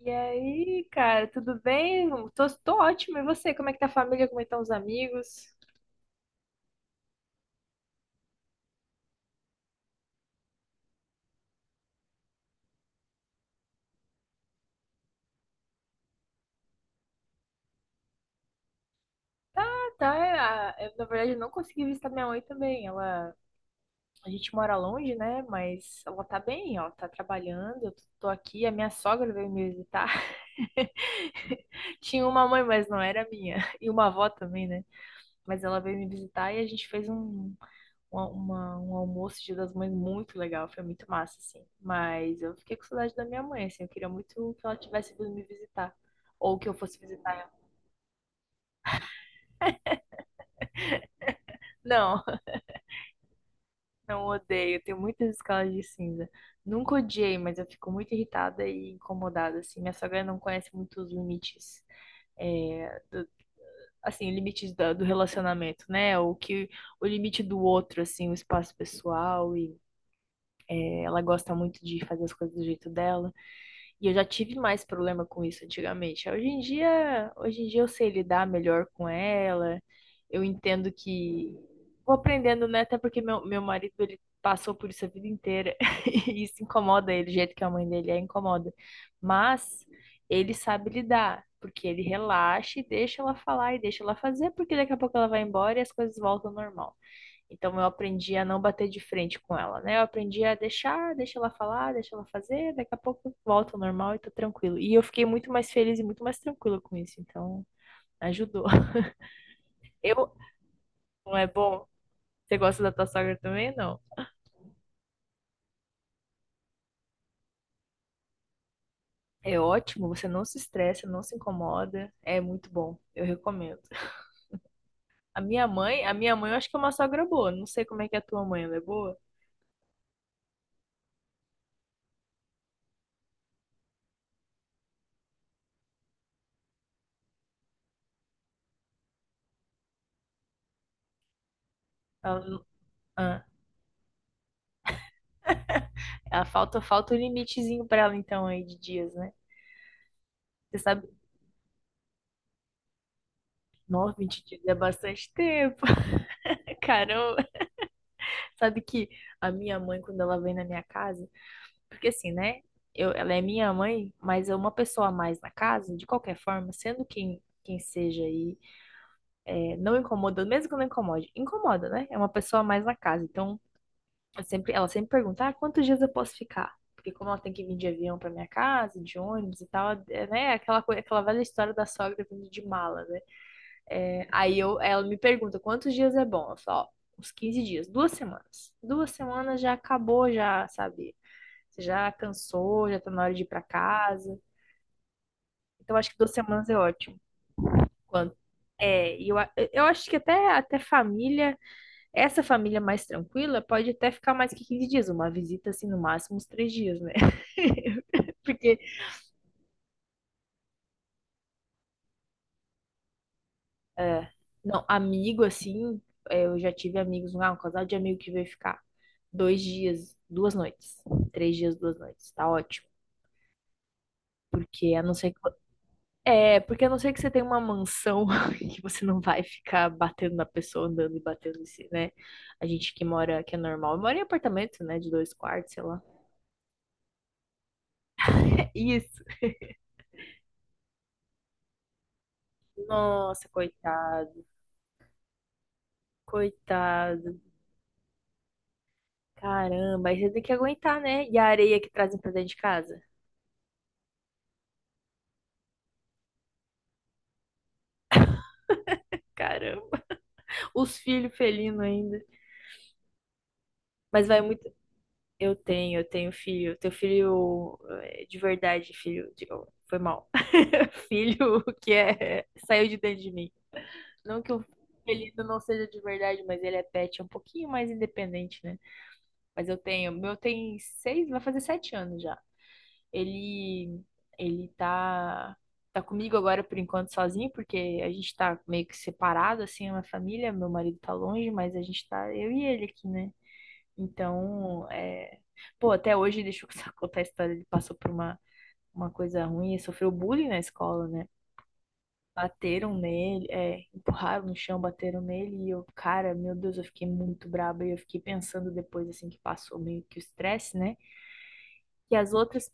E aí, cara, tudo bem? Tô ótimo. E você? Como é que tá a família? Como é que estão os amigos? Na verdade, eu não consegui visitar minha mãe também. A gente mora longe, né? Mas ela tá bem, ó, tá trabalhando. Eu tô aqui. A minha sogra veio me visitar. Tinha uma mãe, mas não era minha. E uma avó também, né? Mas ela veio me visitar e a gente fez um almoço Dia das Mães muito legal, foi muito massa, assim. Mas eu fiquei com saudade da minha mãe, assim, eu queria muito que ela tivesse vindo me visitar. Ou que eu fosse visitar ela. Não, não odeio, eu tenho muitas escalas de cinza. Nunca odiei, mas eu fico muito irritada e incomodada, assim. Minha sogra não conhece muito os limites, é, do- assim, do relacionamento, né? O limite do outro, assim, o espaço pessoal. E ela gosta muito de fazer as coisas do jeito dela. E eu já tive mais problema com isso antigamente. Hoje em dia eu sei lidar melhor com ela. Eu entendo que vou aprendendo, né? Até porque meu marido, ele passou por isso a vida inteira. E isso incomoda ele, do jeito que a mãe dele é, incomoda. Mas ele sabe lidar, porque ele relaxa e deixa ela falar e deixa ela fazer, porque daqui a pouco ela vai embora e as coisas voltam ao normal. Então eu aprendi a não bater de frente com ela, né? Eu aprendi a deixar, deixa ela falar, deixa ela fazer, daqui a pouco volta ao normal e tô tranquilo. E eu fiquei muito mais feliz e muito mais tranquila com isso, então ajudou. Eu, não é bom? Você gosta da tua sogra também? Não. É ótimo, você não se estressa, não se incomoda, é muito bom, eu recomendo. A minha mãe eu acho que é uma sogra boa, não sei como é que é a tua mãe, ela é boa? Ela, ah, ela falta um limitezinho pra ela então aí de dias, né? Você sabe, 9, 20 dias é bastante tempo. Caramba, sabe que a minha mãe, quando ela vem na minha casa, porque assim, né? Ela é minha mãe, mas é uma pessoa a mais na casa, de qualquer forma, sendo quem seja aí, não incomoda, mesmo que não incomode, incomoda, né? É uma pessoa a mais na casa. Então, ela sempre pergunta, ah, quantos dias eu posso ficar? Porque como ela tem que vir de avião para minha casa, de ônibus e tal, é, né? Aquela velha história da sogra vindo de mala, né? É, ela me pergunta quantos dias é bom. Eu falo, ó, uns 15 dias, 2 semanas. 2 semanas já acabou, já, sabe? Você já cansou, já tá na hora de ir pra casa. Então acho que 2 semanas é ótimo. Quando é, e eu, a- eu acho que até família, essa família mais tranquila pode até ficar mais que 15 dias, uma visita assim, no máximo uns 3 dias, né? Porque é. Não, amigo, assim, é, eu já tive amigos, um casal de amigo que veio ficar 2 dias, 2 noites, 3 dias, 2 noites, tá ótimo. Porque a não ser que, porque a não ser que você tenha uma mansão que você não vai ficar batendo na pessoa, andando e batendo em si, né? A gente que mora, que é normal, mora em apartamento, né, de 2 quartos, sei lá. Isso. Nossa, coitado, coitado. Caramba, aí você tem que aguentar, né? E a areia que trazem pra dentro de casa? Caramba. Os filhos felinos ainda. Mas vai muito. Eu tenho filho. Teu filho é, de verdade, filho. Oh, foi mal. Filho que é, saiu de dentro de mim. Não que o felino não seja de verdade, mas ele é pet, é um pouquinho mais independente, né? Mas eu tenho. Meu tem seis, vai fazer 7 anos já. Ele. Ele tá. Tá comigo agora por enquanto sozinho, porque a gente tá meio que separado, assim, é uma família. Meu marido tá longe, mas a gente tá. Eu e ele aqui, né? Então, é... pô, até hoje, deixa eu contar a história, ele passou por uma coisa ruim, ele sofreu bullying na escola, né? Bateram nele, é, empurraram no chão, bateram nele, e eu, cara, meu Deus, eu fiquei muito braba, e eu fiquei pensando depois, assim, que passou meio que o estresse, né? Que as outras,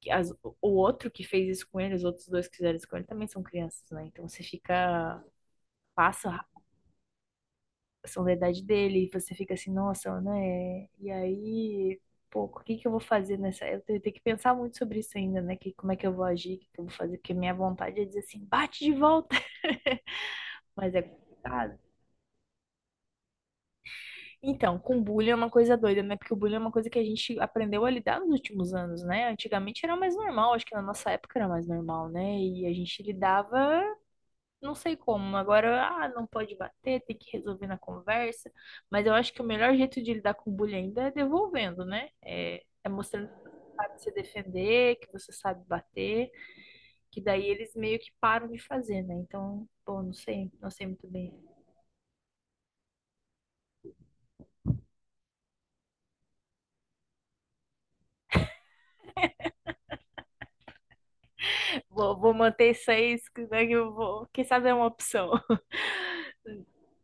que as, O outro que fez isso com ele, os outros dois que fizeram isso com ele, também são crianças, né? Então você fica, passa são da idade dele, e você fica assim, nossa, né? E aí, pô, o que que eu vou fazer nessa? Eu tenho que pensar muito sobre isso ainda, né? Que, como é que eu vou agir, o que que eu vou fazer, porque minha vontade é dizer assim, bate de volta, mas é complicado. Então, com bullying é uma coisa doida, né? Porque o bullying é uma coisa que a gente aprendeu a lidar nos últimos anos, né? Antigamente era mais normal, acho que na nossa época era mais normal, né? E a gente lidava não sei como. Agora, ah, não pode bater, tem que resolver na conversa. Mas eu acho que o melhor jeito de lidar com bullying ainda é devolvendo, né? É mostrando que você sabe se defender, que você sabe bater, que daí eles meio que param de fazer, né? Então, bom, não sei, não sei muito bem. Vou manter isso aí, né, que eu vou, quem sabe é uma opção.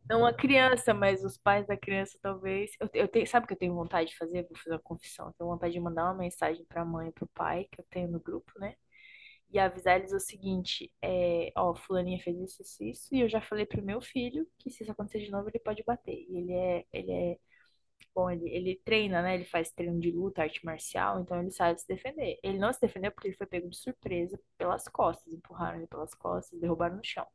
Não a criança, mas os pais da criança, talvez. Eu tenho, sabe o que eu tenho vontade de fazer? Vou fazer uma confissão. Eu tenho vontade de mandar uma mensagem pra mãe e pro pai, que eu tenho no grupo, né? E avisar eles o seguinte: é, ó, fulaninha fez isso, isso, isso, e eu já falei pro meu filho que se isso acontecer de novo, ele pode bater. Bom, ele treina, né? Ele faz treino de luta, arte marcial, então ele sabe se defender. Ele não se defendeu porque ele foi pego de surpresa pelas costas, empurraram ele pelas costas, derrubaram no chão.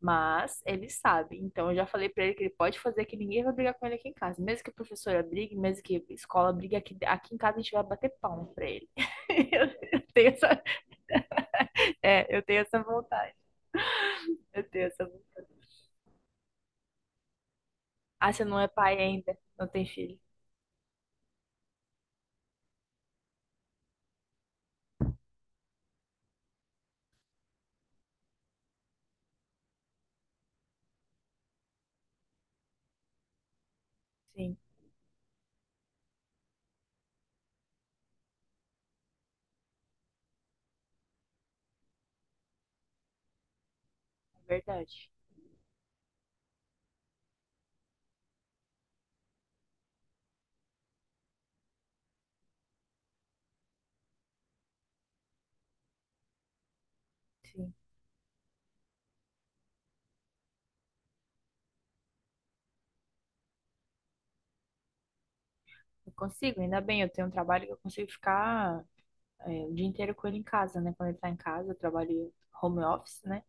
Mas ele sabe. Então eu já falei pra ele que ele pode fazer que ninguém vai brigar com ele aqui em casa. Mesmo que a professora brigue, mesmo que a escola brigue, aqui em casa a gente vai bater palma pra ele. Eu tenho essa, eu tenho essa vontade. Eu tenho essa vontade. Ah, você não é pai ainda, não tem filho. Sim, é verdade. Sim. Eu consigo, ainda bem, eu tenho um trabalho que eu consigo ficar o dia inteiro com ele em casa, né? Quando ele tá em casa, eu trabalho home office, né?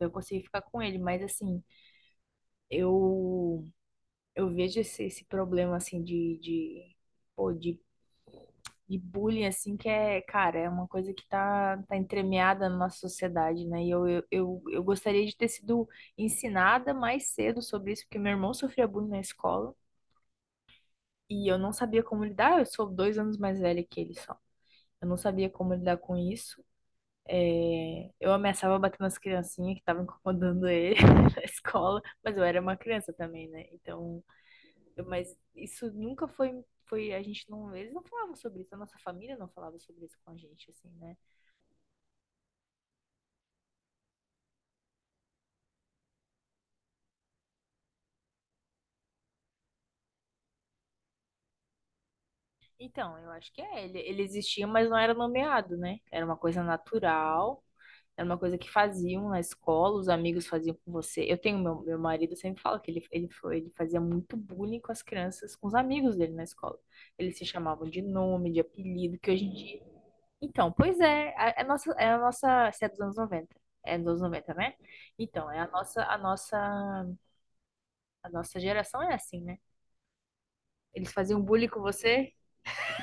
Eu consigo ficar com ele, mas assim, eu Eu vejo esse problema, assim, pô, de, de bullying, assim, que é, cara, é uma coisa que tá entremeada na nossa sociedade, né? E eu gostaria de ter sido ensinada mais cedo sobre isso, porque meu irmão sofria bullying na escola e eu não sabia como lidar. Eu sou 2 anos mais velha que ele só. Eu não sabia como lidar com isso. É, eu ameaçava bater nas criancinhas que estavam incomodando ele na escola, mas eu era uma criança também, né? Então mas isso nunca foi, foi, a gente não, eles não falavam sobre isso, a nossa família não falava sobre isso com a gente, assim, né? Então, eu acho que é. Ele existia, mas não era nomeado, né? Era uma coisa natural, era uma coisa que faziam na escola, os amigos faziam com você. Eu tenho meu marido sempre fala que ele fazia muito bullying com as crianças, com os amigos dele na escola. Eles se chamavam de nome, de apelido, que hoje em dia. Então, pois é, é a nossa, isso é dos anos 90. É dos anos 90, né? Então, a nossa geração é assim, né? Eles faziam bullying com você,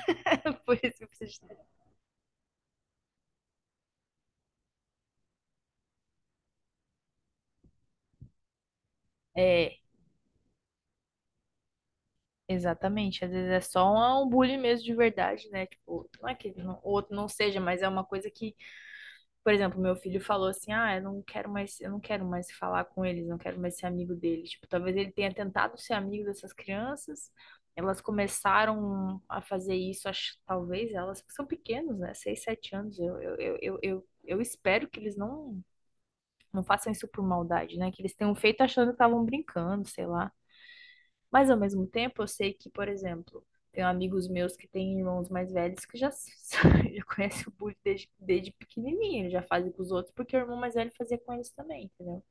por isso eu preciso exatamente, às vezes é só um bullying mesmo de verdade, né? Tipo, não é que não- o outro não seja, mas é uma coisa que, por exemplo, meu filho falou assim: "Ah, eu não quero mais, eu não quero mais falar com eles, não quero mais ser amigo deles". Tipo, talvez ele tenha tentado ser amigo dessas crianças, elas começaram a fazer isso, acho, talvez elas que são pequenos, né? Seis, sete anos. Eu espero que eles não, não façam isso por maldade, né? Que eles tenham feito achando que estavam brincando, sei lá. Mas ao mesmo tempo, eu sei que, por exemplo, tenho amigos meus que têm irmãos mais velhos que já, já conhecem o bullying desde pequenininho, eles já fazem com os outros, porque o irmão mais velho fazia com eles também, entendeu?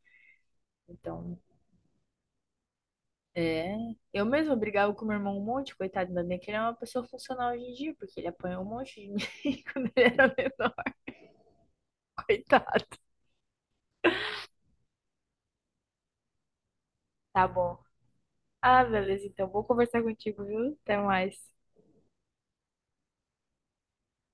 Então, é. Eu mesma brigava com meu irmão um monte, coitado, ainda bem que ele é uma pessoa funcional hoje em dia, porque ele apanhou um monte de mim quando ele era menor, coitado. Tá bom. Ah, beleza, então vou conversar contigo, viu? Até mais.